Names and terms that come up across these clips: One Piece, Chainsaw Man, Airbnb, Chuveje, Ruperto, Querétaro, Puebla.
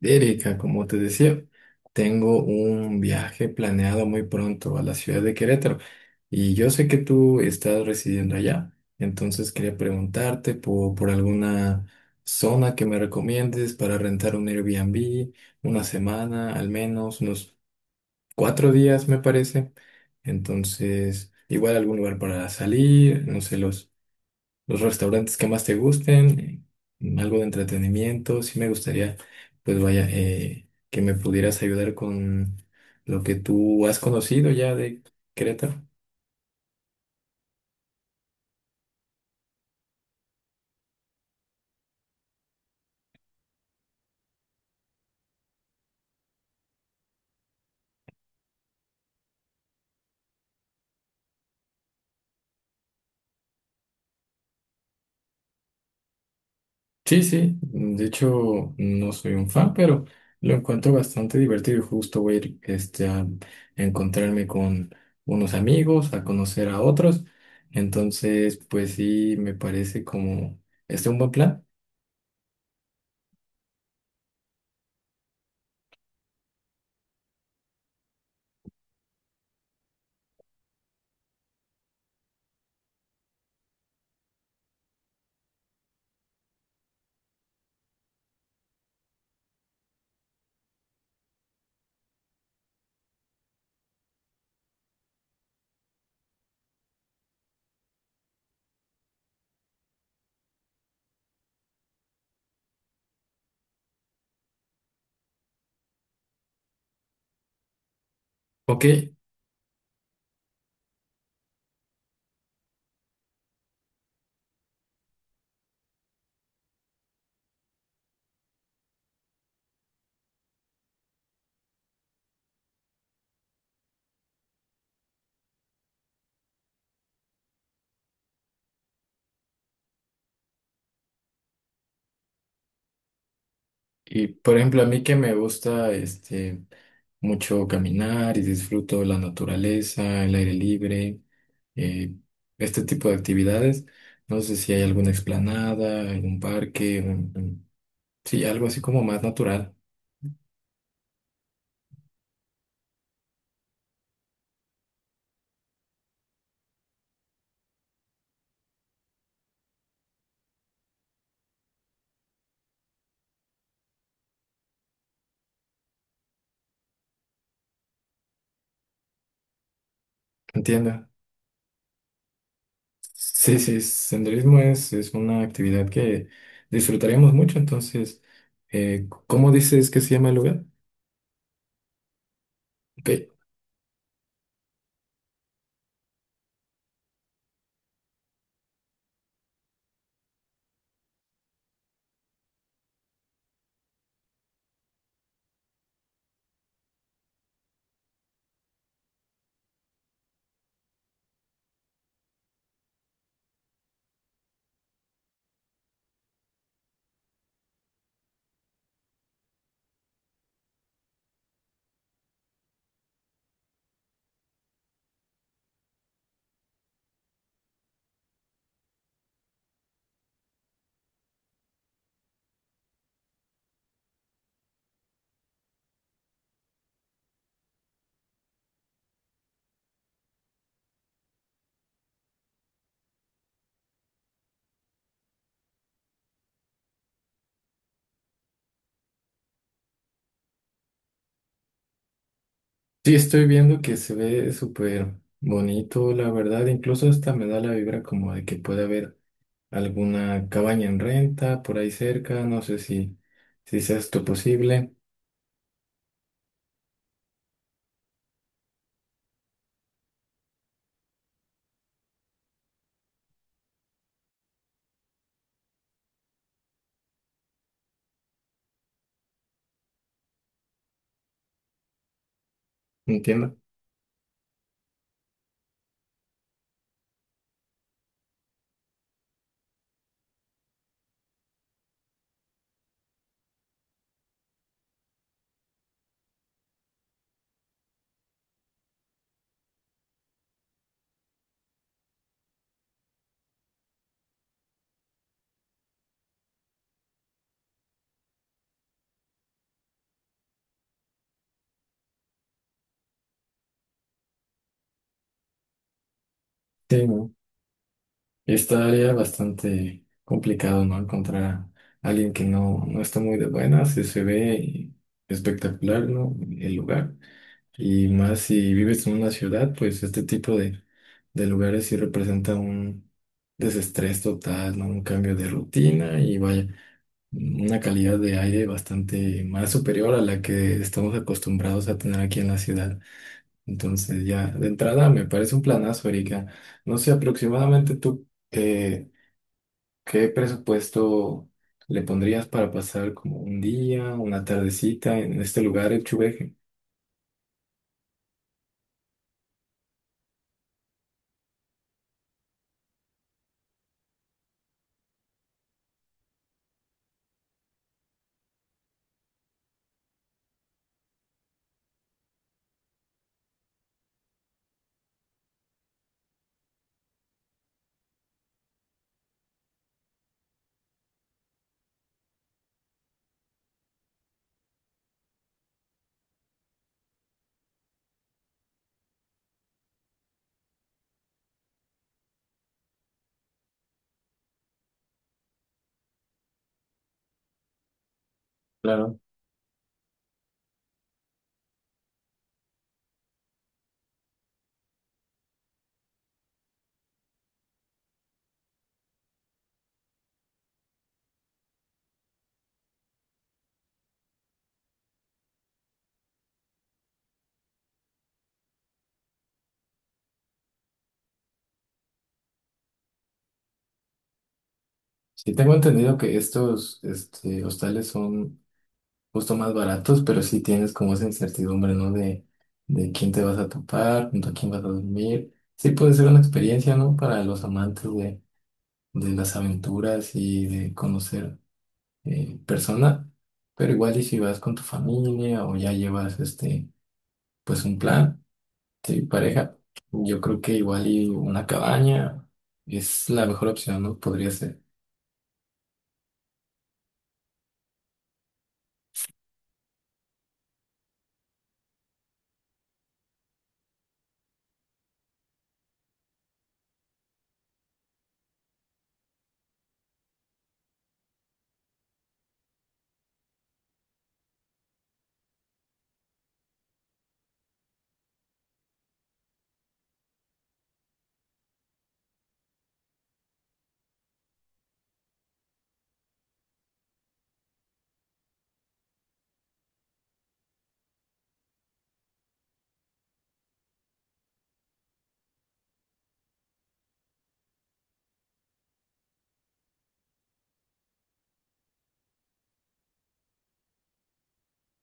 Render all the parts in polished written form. Erika, como te decía, tengo un viaje planeado muy pronto a la ciudad de Querétaro y yo sé que tú estás residiendo allá, entonces quería preguntarte por alguna zona que me recomiendes para rentar un Airbnb, una semana, al menos unos 4 días me parece. Entonces igual algún lugar para salir, no sé, los restaurantes que más te gusten, algo de entretenimiento. Sí me gustaría, pues vaya, que me pudieras ayudar con lo que tú has conocido ya de Querétaro. Sí, sí, de hecho no soy un fan, pero lo encuentro bastante divertido y justo voy a ir este, a encontrarme con unos amigos, a conocer a otros. Entonces, pues sí, me parece como este un buen plan. Ok. Y por ejemplo, a mí que me gusta este mucho caminar y disfruto la naturaleza, el aire libre, eh, este tipo de actividades. No sé si hay alguna explanada, algún parque, sí, algo así como más natural. Entiendo. Sí, sí, senderismo es una actividad que disfrutaremos mucho. Entonces, ¿cómo dices que se llama el lugar? Ok. Sí, estoy viendo que se ve súper bonito, la verdad. Incluso hasta me da la vibra como de que puede haber alguna cabaña en renta por ahí cerca. No sé si, si sea esto posible. Entiendo. Sí, estaría bastante complicado, ¿no? Encontrar a alguien que no está muy de buenas, y se ve espectacular, ¿no? El lugar. Y más si vives en una ciudad, pues este tipo de lugares sí representa un desestrés total, ¿no? Un cambio de rutina y vaya, una calidad de aire bastante más superior a la que estamos acostumbrados a tener aquí en la ciudad. Entonces ya de entrada me parece un planazo, Erika. No sé aproximadamente tú. ¿Qué presupuesto le pondrías para pasar como un día, una tardecita en este lugar, el Chuveje? Claro. Sí, tengo entendido que estos este, hostales son justo más baratos, pero sí tienes como esa incertidumbre, ¿no? De quién te vas a topar, junto a quién vas a dormir. Sí puede ser una experiencia, ¿no? Para los amantes de las aventuras y de conocer personas, pero igual y si vas con tu familia o ya llevas este, pues un plan. Sí, pareja. Yo creo que igual y una cabaña es la mejor opción, ¿no? Podría ser.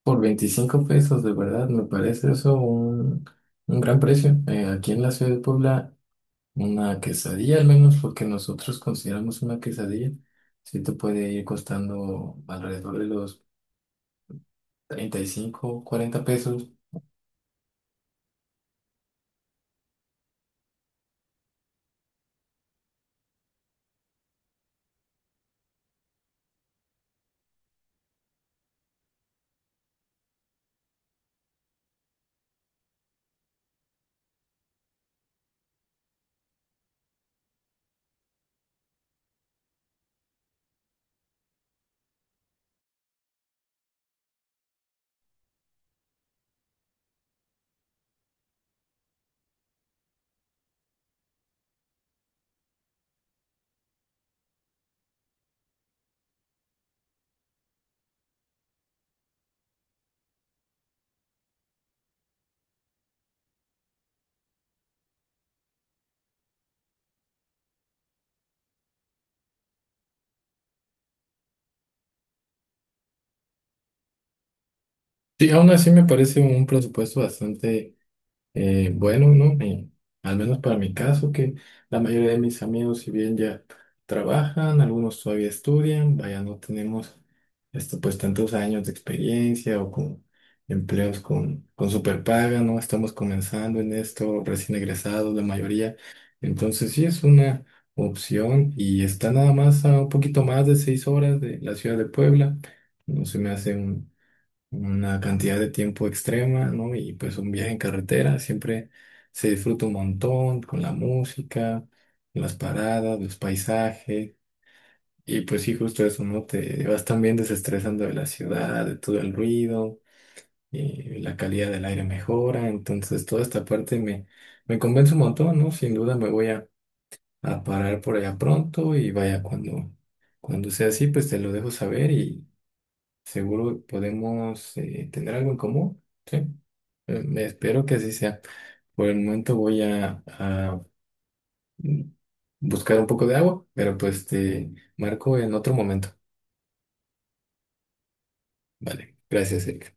Por 25 pesos, de verdad, me parece eso un gran precio. Aquí en la ciudad de Puebla, una quesadilla, al menos lo que nosotros consideramos una quesadilla, sí te puede ir costando alrededor de los 35 a 40 pesos. Sí, aún así me parece un presupuesto bastante. Bueno, no, Mi- al menos para mi caso, que la mayoría de mis amigos, si bien ya trabajan, algunos todavía estudian, vaya, no tenemos esto, pues tantos años de experiencia o con empleos con superpaga, ¿no? Estamos comenzando en esto, recién egresados, la mayoría. Entonces, sí es una opción y está nada más a un poquito más de 6 horas de la ciudad de Puebla. No se me hace una cantidad de tiempo extrema, ¿no? Y pues un viaje en carretera siempre se disfruta un montón con la música, las paradas, los paisajes. Y pues sí, justo eso, ¿no? Te vas también desestresando de la ciudad, de todo el ruido, y la calidad del aire mejora. Entonces, toda esta parte me convence un montón, ¿no? Sin duda me voy a parar por allá pronto y vaya cuando sea así, pues te lo dejo saber. Seguro podemos tener algo en común, ¿sí? Espero que así sea. Por el momento voy mm, buscar un poco de agua, pero pues te marco en otro momento. Vale, gracias, Erika.